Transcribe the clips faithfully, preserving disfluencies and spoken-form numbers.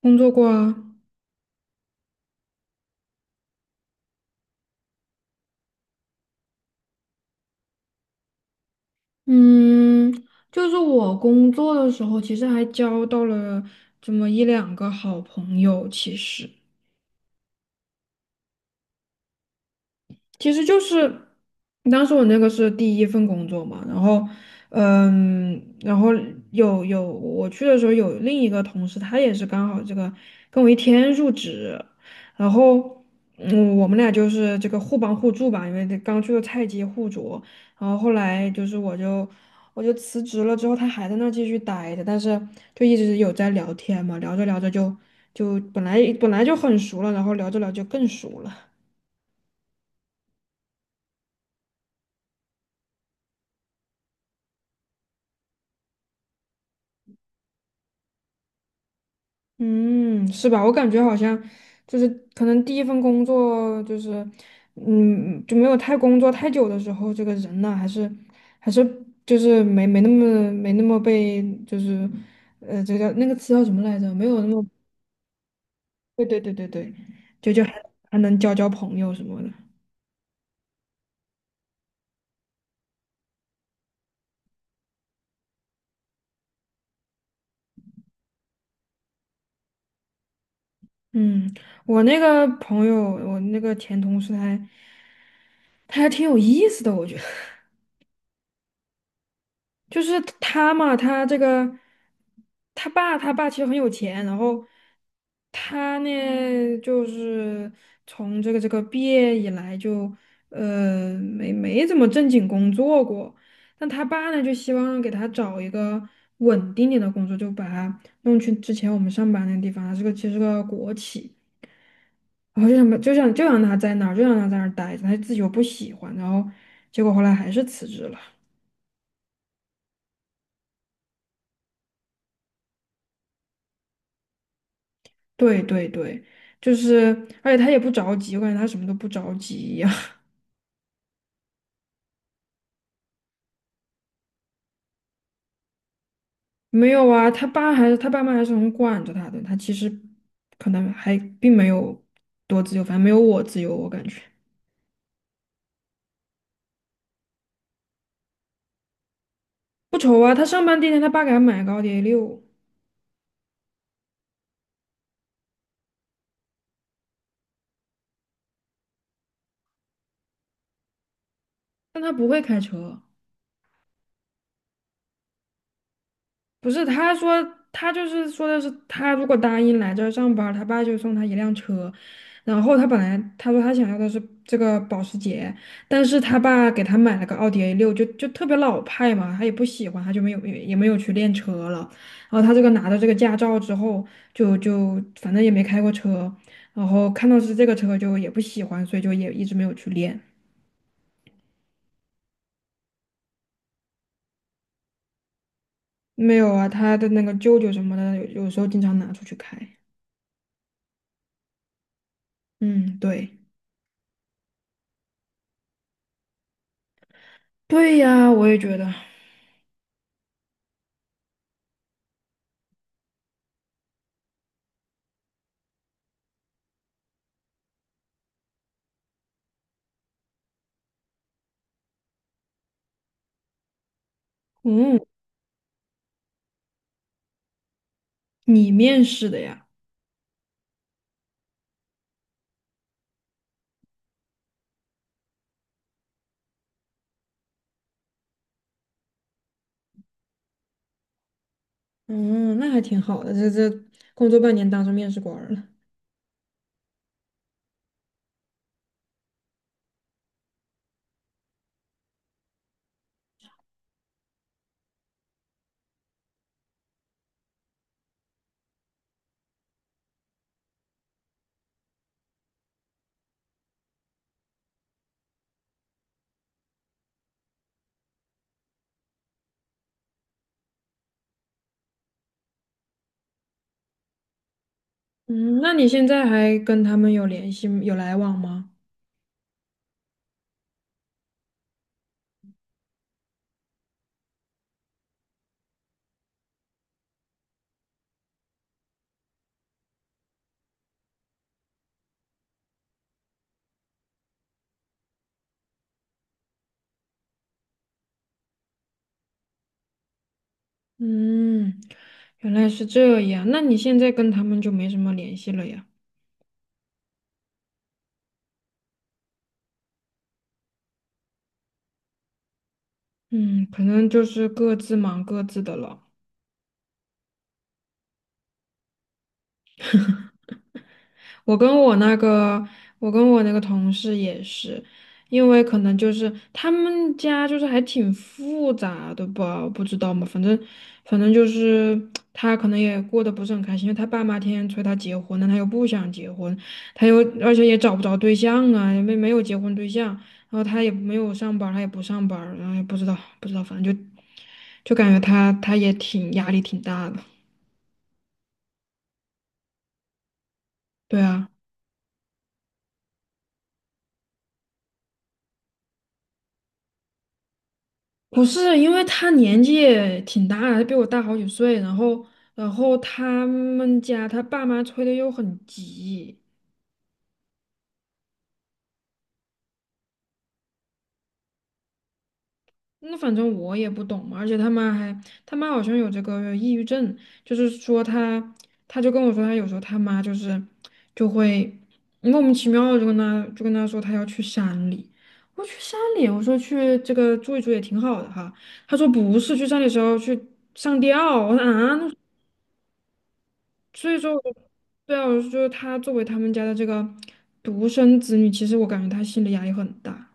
工作过啊。嗯，就是我工作的时候，其实还交到了这么一两个好朋友，其实。其实就是当时我那个是第一份工作嘛，然后，嗯，然后有有我去的时候有另一个同事，他也是刚好这个跟我一天入职，然后嗯，我们俩就是这个互帮互助吧，因为这刚去的菜鸡互啄，然后后来就是我就我就辞职了之后，他还在那儿继续待着，但是就一直有在聊天嘛，聊着聊着就就本来本来就很熟了，然后聊着聊着就更熟了。嗯，是吧？我感觉好像就是可能第一份工作就是，嗯，就没有太工作太久的时候，这个人呢还是还是就是没没那么没那么被就是，呃，这个那个词叫什么来着？没有那么。对对对对对，就就还还能交交朋友什么的。嗯，我那个朋友，我那个前同事他还他还挺有意思的，我觉得。就是他嘛，他这个他爸他爸其实很有钱，然后他呢就是从这个这个毕业以来就呃没没怎么正经工作过，但他爸呢就希望给他找一个稳定点的工作，就把他弄去之前我们上班那个地方，他是个其实是个国企，然后就想把就想就让他在那儿就让他在那儿待着，他自己又不喜欢，然后结果后来还是辞职了。对对对，就是而且他也不着急，我感觉他什么都不着急一样。没有啊，他爸还是他爸妈还是很管着他的，他其实可能还并没有多自由，反正没有我自由，我感觉。不愁啊。他上班第一天，他爸给他买个奥迪 A 六，但他不会开车。不是，他说他就是说的是他如果答应来这儿上班儿他爸就送他一辆车。然后他本来他说他想要的是这个保时捷，但是他爸给他买了个奥迪 a 六，就就特别老派嘛，他也不喜欢，他就没有也没有去练车了。然后他这个拿到这个驾照之后，就就反正也没开过车，然后看到是这个车就也不喜欢，所以就也一直没有去练。没有啊，他的那个舅舅什么的，有有时候经常拿出去开。嗯，对。对呀，我也觉得。嗯，你面试的呀？嗯，那还挺好的，这这工作半年当上面试官儿了。嗯，那你现在还跟他们有联系、有来往吗？嗯，原来是这样。那你现在跟他们就没什么联系了呀？嗯，可能就是各自忙各自的了。我跟我那个，我跟我那个同事也是，因为可能就是他们家就是还挺复杂的吧，我不知道嘛，反正反正就是他可能也过得不是很开心，因为他爸妈天天催他结婚，但他又不想结婚，他又而且也找不着对象啊，也没没有结婚对象，然后他也没有上班儿他也不上班儿然后也不知道不知道，反正就就感觉他他也挺压力挺大的。对啊。不是，因为他年纪也挺大的，他比我大好几岁，然后，然后他们家他爸妈催的又很急。那反正我也不懂嘛，而且他妈还，他妈好像有这个抑郁症。就是说他，他就跟我说他有时候他妈就是就会莫名其妙地就跟他就跟他说他要去山里，我说去山里，我说去这个住一住也挺好的哈，他说不是去山里的时候去上吊，我说啊。所以说我就。对啊，我就觉得他作为他们家的这个独生子女，其实我感觉他心理压力很大。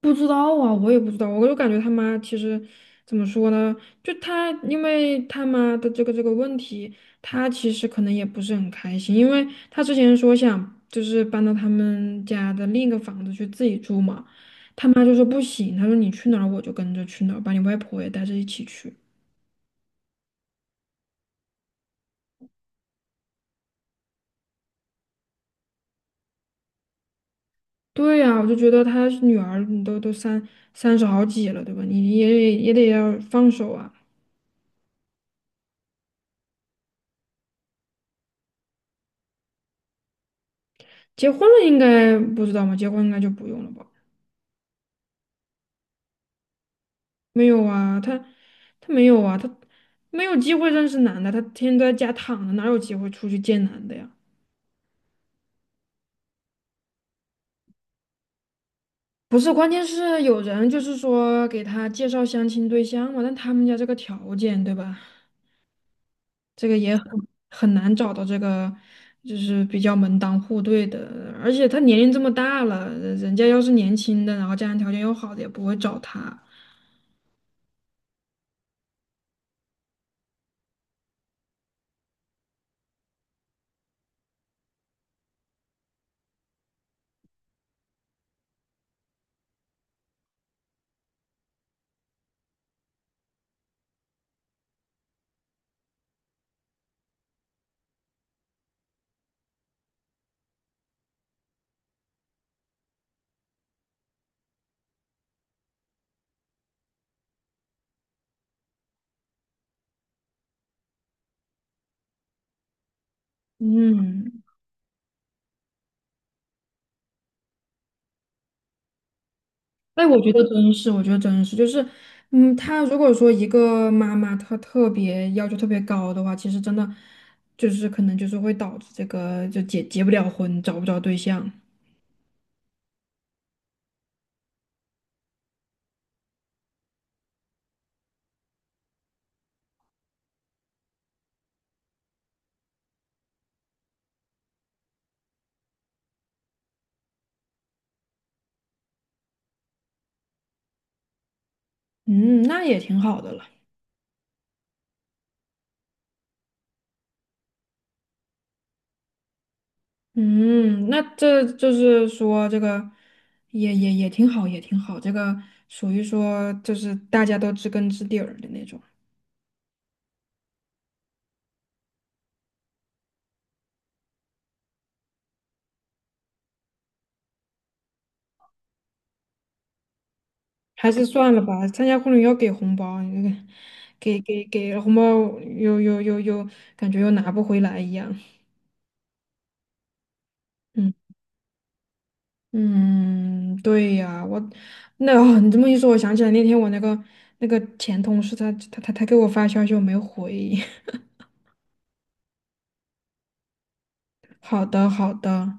不知道啊，我也不知道，我就感觉他妈其实怎么说呢？就他，因为他妈的这个这个问题，他其实可能也不是很开心，因为他之前说想就是搬到他们家的另一个房子去自己住嘛，他妈就说不行，他说你去哪儿我就跟着去哪儿，把你外婆也带着一起去。对呀，我就觉得他女儿你都都三三十好几了，对吧？你也也得要放手啊。结婚了应该不知道吗？结婚应该就不用了吧？没有啊，他他没有啊，他没有机会认识男的，他天天都在家躺着，哪有机会出去见男的呀？不是，关键是有人就是说给他介绍相亲对象嘛，但他们家这个条件，对吧？这个也很很难找到这个就是比较门当户对的，而且他年龄这么大了，人家要是年轻的，然后家庭条件又好的，也不会找他。嗯，哎，我觉得真是，我觉得真是，就是，嗯，他如果说一个妈妈她特别要求特别高的话，其实真的就是可能就是会导致这个就结结不了婚，找不着对象。嗯，那也挺好的了。嗯，那这就是说，这个也也也挺好，也挺好。这个属于说，就是大家都知根知底儿的那种。还是算了吧，参加婚礼要给红包，你这个给给给了红包又又又又感觉又拿不回来一样。嗯嗯，对呀，我那哦，你这么一说，我想起来那天我那个那个前同事他他他他给我发消息，我没回。好的好的。